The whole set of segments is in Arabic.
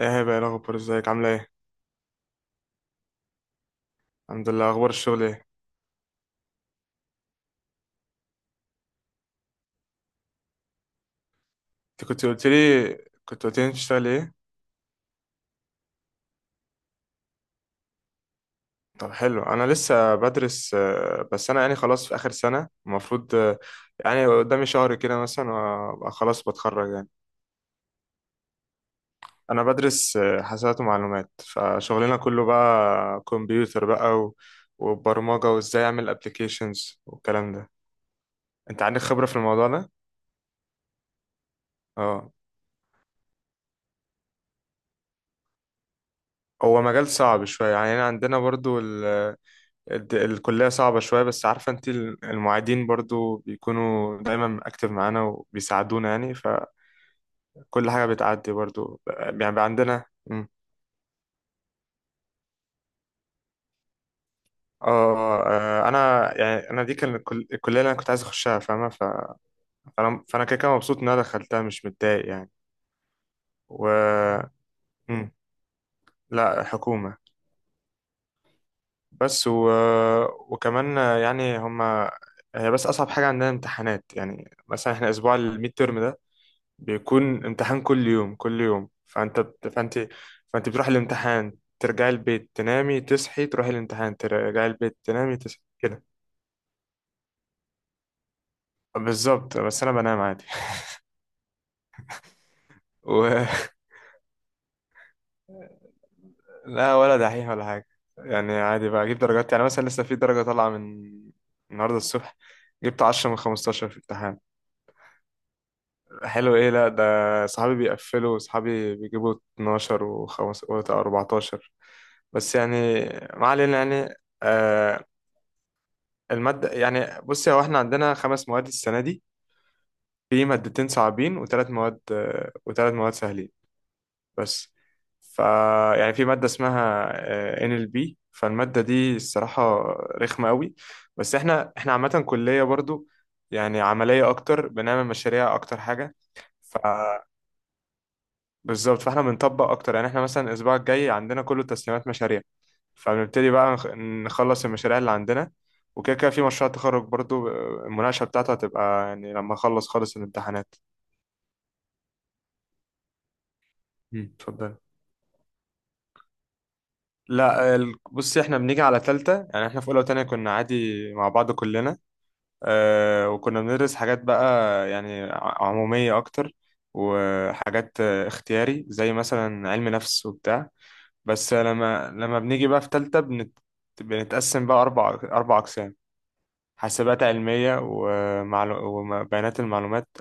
ايه بقى إيه الاخبار، ازيك عامله ايه؟ الحمد لله. اخبار الشغل ايه؟ انت كنت قلت لي، انت بتشتغل ايه؟ طب حلو، انا لسه بدرس، بس انا يعني خلاص في اخر سنه المفروض، يعني قدامي شهر كده مثلا وابقى خلاص بتخرج يعني. انا بدرس، حاسبات ومعلومات، فشغلنا كله بقى كمبيوتر بقى وبرمجه، وازاي اعمل ابلكيشنز والكلام ده. انت عندك خبره في الموضوع ده؟ اه، هو مجال صعب شويه يعني، أنا عندنا برضو الكلية صعبة شوية، بس عارفة انت المعيدين برضو بيكونوا دايما اكتف معانا وبيساعدونا، يعني فكل حاجة بتعدي برضو يعني، بقى عندنا. مم. اه، انا يعني انا دي كان الكلية اللي انا كنت عايز اخشها، فاهمة؟ فانا كده كده مبسوط ان انا دخلتها، مش متضايق يعني. و مم. لا، حكومة. بس و... وكمان يعني هي، بس اصعب حاجة عندنا امتحانات، يعني مثلا احنا اسبوع الميد تيرم ده بيكون امتحان كل يوم كل يوم، فانت بتروح الامتحان ترجعي البيت تنامي تصحي تروحي الامتحان ترجعي البيت تنامي تصحي، كده. بالظبط، بس انا بنام عادي و... لا، ولا دحيح ولا حاجه، يعني عادي بجيب درجات، يعني مثلا لسه في درجه طالعه من النهارده الصبح، جبت 10 من 15 في الامتحان. حلو ايه، لا ده صحابي بيقفلوا، صحابي بيجيبوا 12 و5 و14، بس يعني ما علينا يعني. آه، المادة يعني، بصي، هو احنا عندنا خمس مواد السنة دي، في مادتين صعبين، وثلاث مواد سهلين بس. ف يعني في مادة اسمها، NLP، فالمادة دي الصراحة رخمة قوي. بس احنا عامة كلية برضو يعني عملية اكتر، بنعمل مشاريع اكتر حاجة. بالظبط، فاحنا بنطبق اكتر، يعني احنا مثلا الاسبوع الجاي عندنا كله تسليمات مشاريع، فبنبتدي بقى نخلص المشاريع اللي عندنا. وكده كده في مشروع تخرج برضو، المناقشة بتاعته هتبقى يعني لما اخلص خالص الامتحانات. مم. اتفضل. لا، بصي، احنا بنيجي على تالتة، يعني احنا في اولى وتانية كنا عادي مع بعض كلنا. اه، وكنا بندرس حاجات بقى يعني عمومية اكتر، وحاجات اختياري، زي مثلا علم نفس وبتاع. بس لما بنيجي بقى في تالتة بنتقسم بقى أربع أقسام: حاسبات علمية وبيانات المعلومات،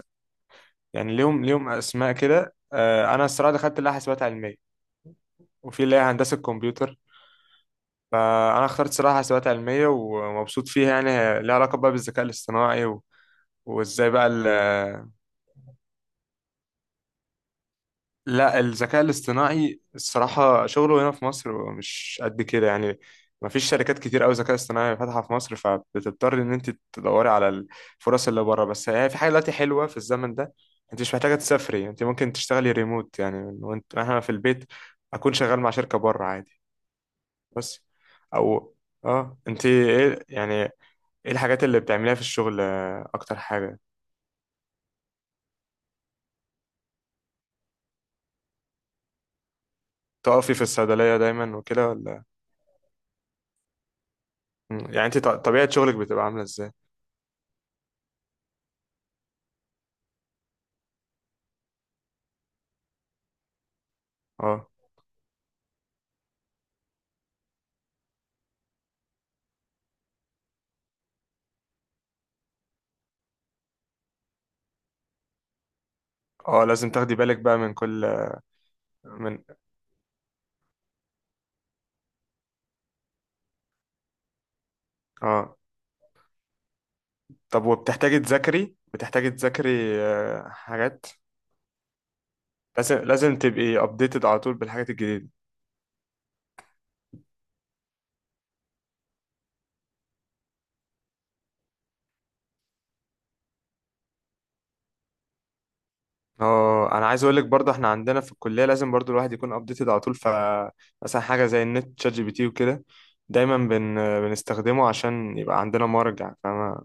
يعني ليهم أسماء كده. أنا الصراحة دخلت اللي هي حاسبات علمية، وفي اللي هي هندسة كمبيوتر، فأنا اخترت صراحة حاسبات علمية ومبسوط فيها. يعني هي ليها علاقة بقى بالذكاء الاصطناعي وإزاي بقى لا، الذكاء الاصطناعي الصراحة شغله هنا في مصر مش قد كده يعني، ما فيش شركات كتير أوي ذكاء اصطناعي فاتحة في مصر، فبتضطر إن أنت تدوري على الفرص اللي بره. بس يعني في حاجة دلوقتي حلوة في الزمن ده، أنت مش محتاجة تسافري، أنت ممكن تشتغلي ريموت يعني، من وأنت إحنا في البيت أكون شغال مع شركة بره عادي. بس أو أه أنت يعني إيه الحاجات اللي بتعمليها في الشغل، أكتر حاجة؟ تقفي في الصيدلية دايما وكده ولا؟ مم. يعني أنت طبيعة شغلك بتبقى عاملة إزاي؟ آه. اه، لازم تاخدي بالك بقى من كل، من اه. طب وبتحتاجي تذاكري، بتحتاجي تذاكري آه، حاجات؟ لازم تبقي ابديتد على طول بالحاجات الجديدة. اه، انا عايز اقول لك برضه، احنا عندنا في الكلية لازم برضه الواحد يكون ابديتد على طول. مثلا حاجة زي النت ChatGPT وكده، دايما بنستخدمه عشان يبقى عندنا مرجع، فاهمة؟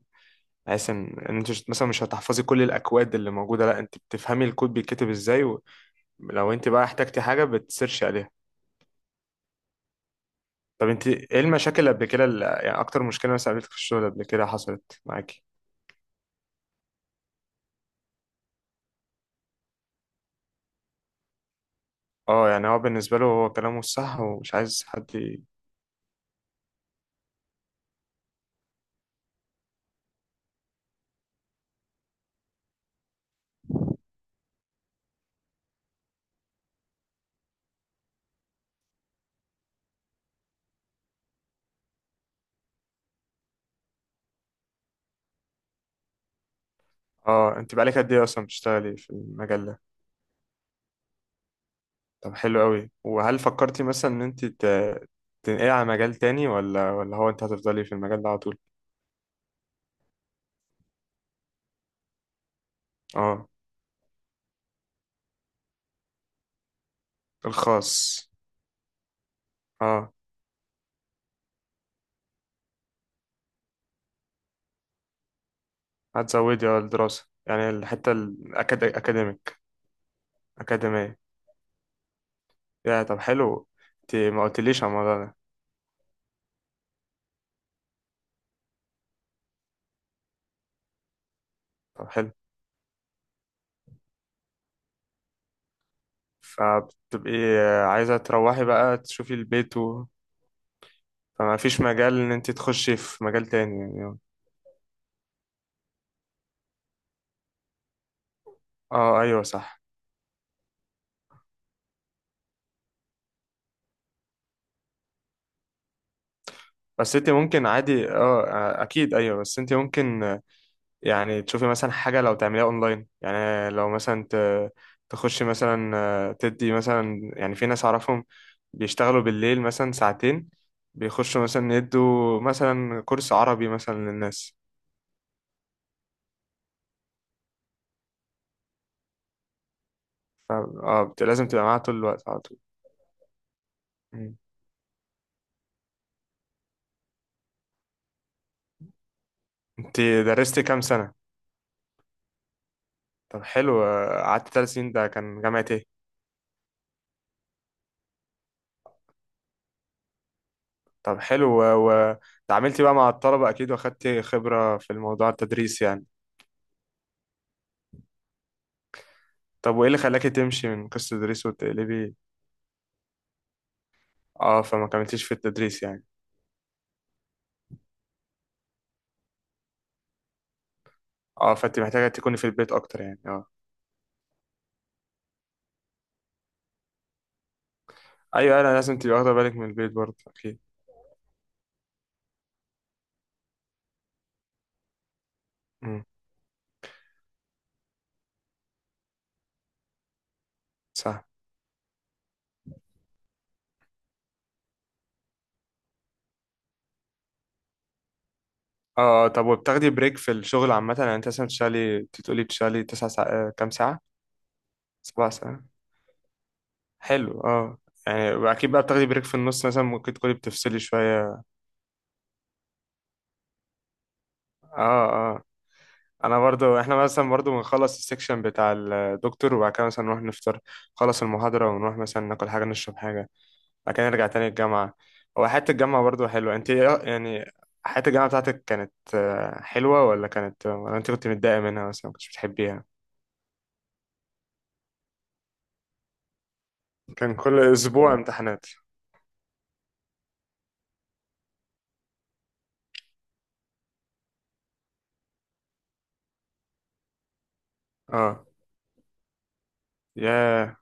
بحيث إن انت مثلا مش هتحفظي كل الاكواد اللي موجودة، لا انت بتفهمي الكود بيتكتب ازاي، ولو انت بقى احتجتي حاجة بتسيرشي عليها. طب انت ايه المشاكل اللي قبل كده، اللي يعني اكتر مشكله مثلا قابلتك في الشغل قبل كده، حصلت معاكي؟ اه، يعني هو بالنسبه له هو كلامه الصح ومش عايز حد اه. انت بقالك قد ايه اصلا بتشتغلي في المجال ده؟ طب حلو قوي. وهل فكرتي مثلا ان انت تنقلي على مجال تاني، ولا هو انت هتفضلي في المجال ده على طول؟ اه، الخاص. اه، هتزودي اه الدراسه، يعني الحته الاكاديميك، اكاديميه. يا، طب حلو، انت ما قلتليش على الموضوع ده. طب حلو، فبتبقي عايزة تروحي بقى تشوفي البيت فما فيش مجال ان انت تخشي في مجال تاني يعني. اه ايوه صح. بس انت ممكن عادي، اه اكيد، ايوه بس انت ممكن يعني تشوفي مثلا حاجة لو تعمليها اونلاين، يعني لو مثلا تخشي مثلا، تدي مثلا، يعني في ناس اعرفهم بيشتغلوا بالليل مثلا ساعتين، بيخشوا مثلا يدوا مثلا كورس عربي مثلا للناس. اه، لازم تبقى معاها طول الوقت على طول. مم. انت درستي كام سنة؟ طب حلو، قعدت 3 سنين، ده كان جامعة ايه؟ طب حلو وتعاملت بقى مع الطلبة أكيد، وأخدت خبرة في الموضوع التدريس يعني. طب وإيه اللي خلاكي تمشي من قصة التدريس وتقلبي؟ اه، فما كملتيش في التدريس يعني. اه، فأنت محتاجة تكوني في البيت أكتر يعني، اه. أيوة، أنا لازم تبقي واخدة بالك من البيت برضه أكيد. امم، صح. اه، طب وبتاخدي بريك في الشغل عامة؟ يعني أنت مثلا بتشتغلي، أنت بتقولي بتشتغلي 9 ساعات، كام ساعة؟ 7 ساعات، حلو. اه، يعني أكيد بقى بتاخدي بريك في النص مثلا، ممكن تكوني بتفصلي شوية. اه. اه، انا برضو احنا مثلا برضو بنخلص السكشن بتاع الدكتور، وبعد كده مثلا نروح نفطر، نخلص المحاضرة ونروح مثلا ناكل حاجة نشرب حاجة، بعد كده نرجع تاني الجامعة. هو حياة الجامعة برضو حلوة، انت يعني حياة الجامعة بتاعتك كانت، حلوة ولا كانت، ولا انت كنت متضايقة منها مثلا ما كنتش بتحبيها؟ كان كل اسبوع امتحانات. اه. ياه.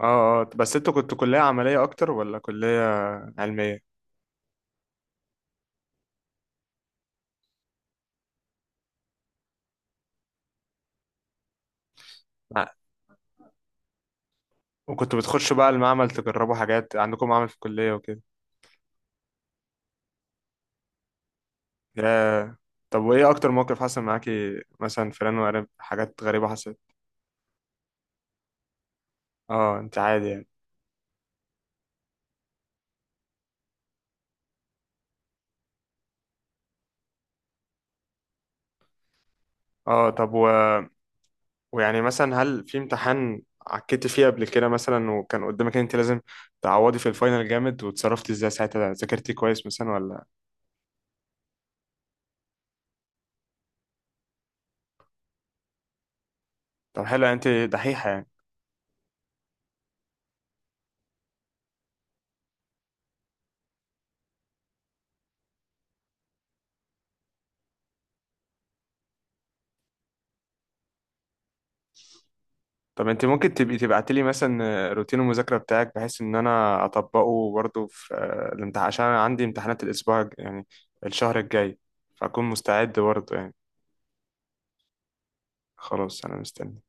اه، اه، بس انتوا كنتوا كلية عملية اكتر ولا كلية علمية؟ آه. وكنتوا بتخشوا بقى المعمل تجربوا حاجات، عندكم معمل في الكلية وكده؟ يا، طب وايه اكتر موقف حصل معاكي مثلا، فلان وقريب حاجات غريبة حصلت؟ اه، انت عادي يعني. اه، طب ويعني مثلا هل في امتحان عكيتي فيه قبل كده مثلا، وكان قدامك إن انت لازم تعوضي في الفاينل جامد، وتصرفتي ازاي ساعتها، ذاكرتي كويس مثلا ولا؟ طب حلو، انت دحيحة يعني. طب انت ممكن تبقي تبعتي لي مثلا روتين المذاكرة بتاعك، بحيث ان انا اطبقه برضه في، الامتحان، عشان أنا عندي امتحانات الاسبوع يعني الشهر الجاي، فاكون مستعد برضه يعني. خلاص انا مستني.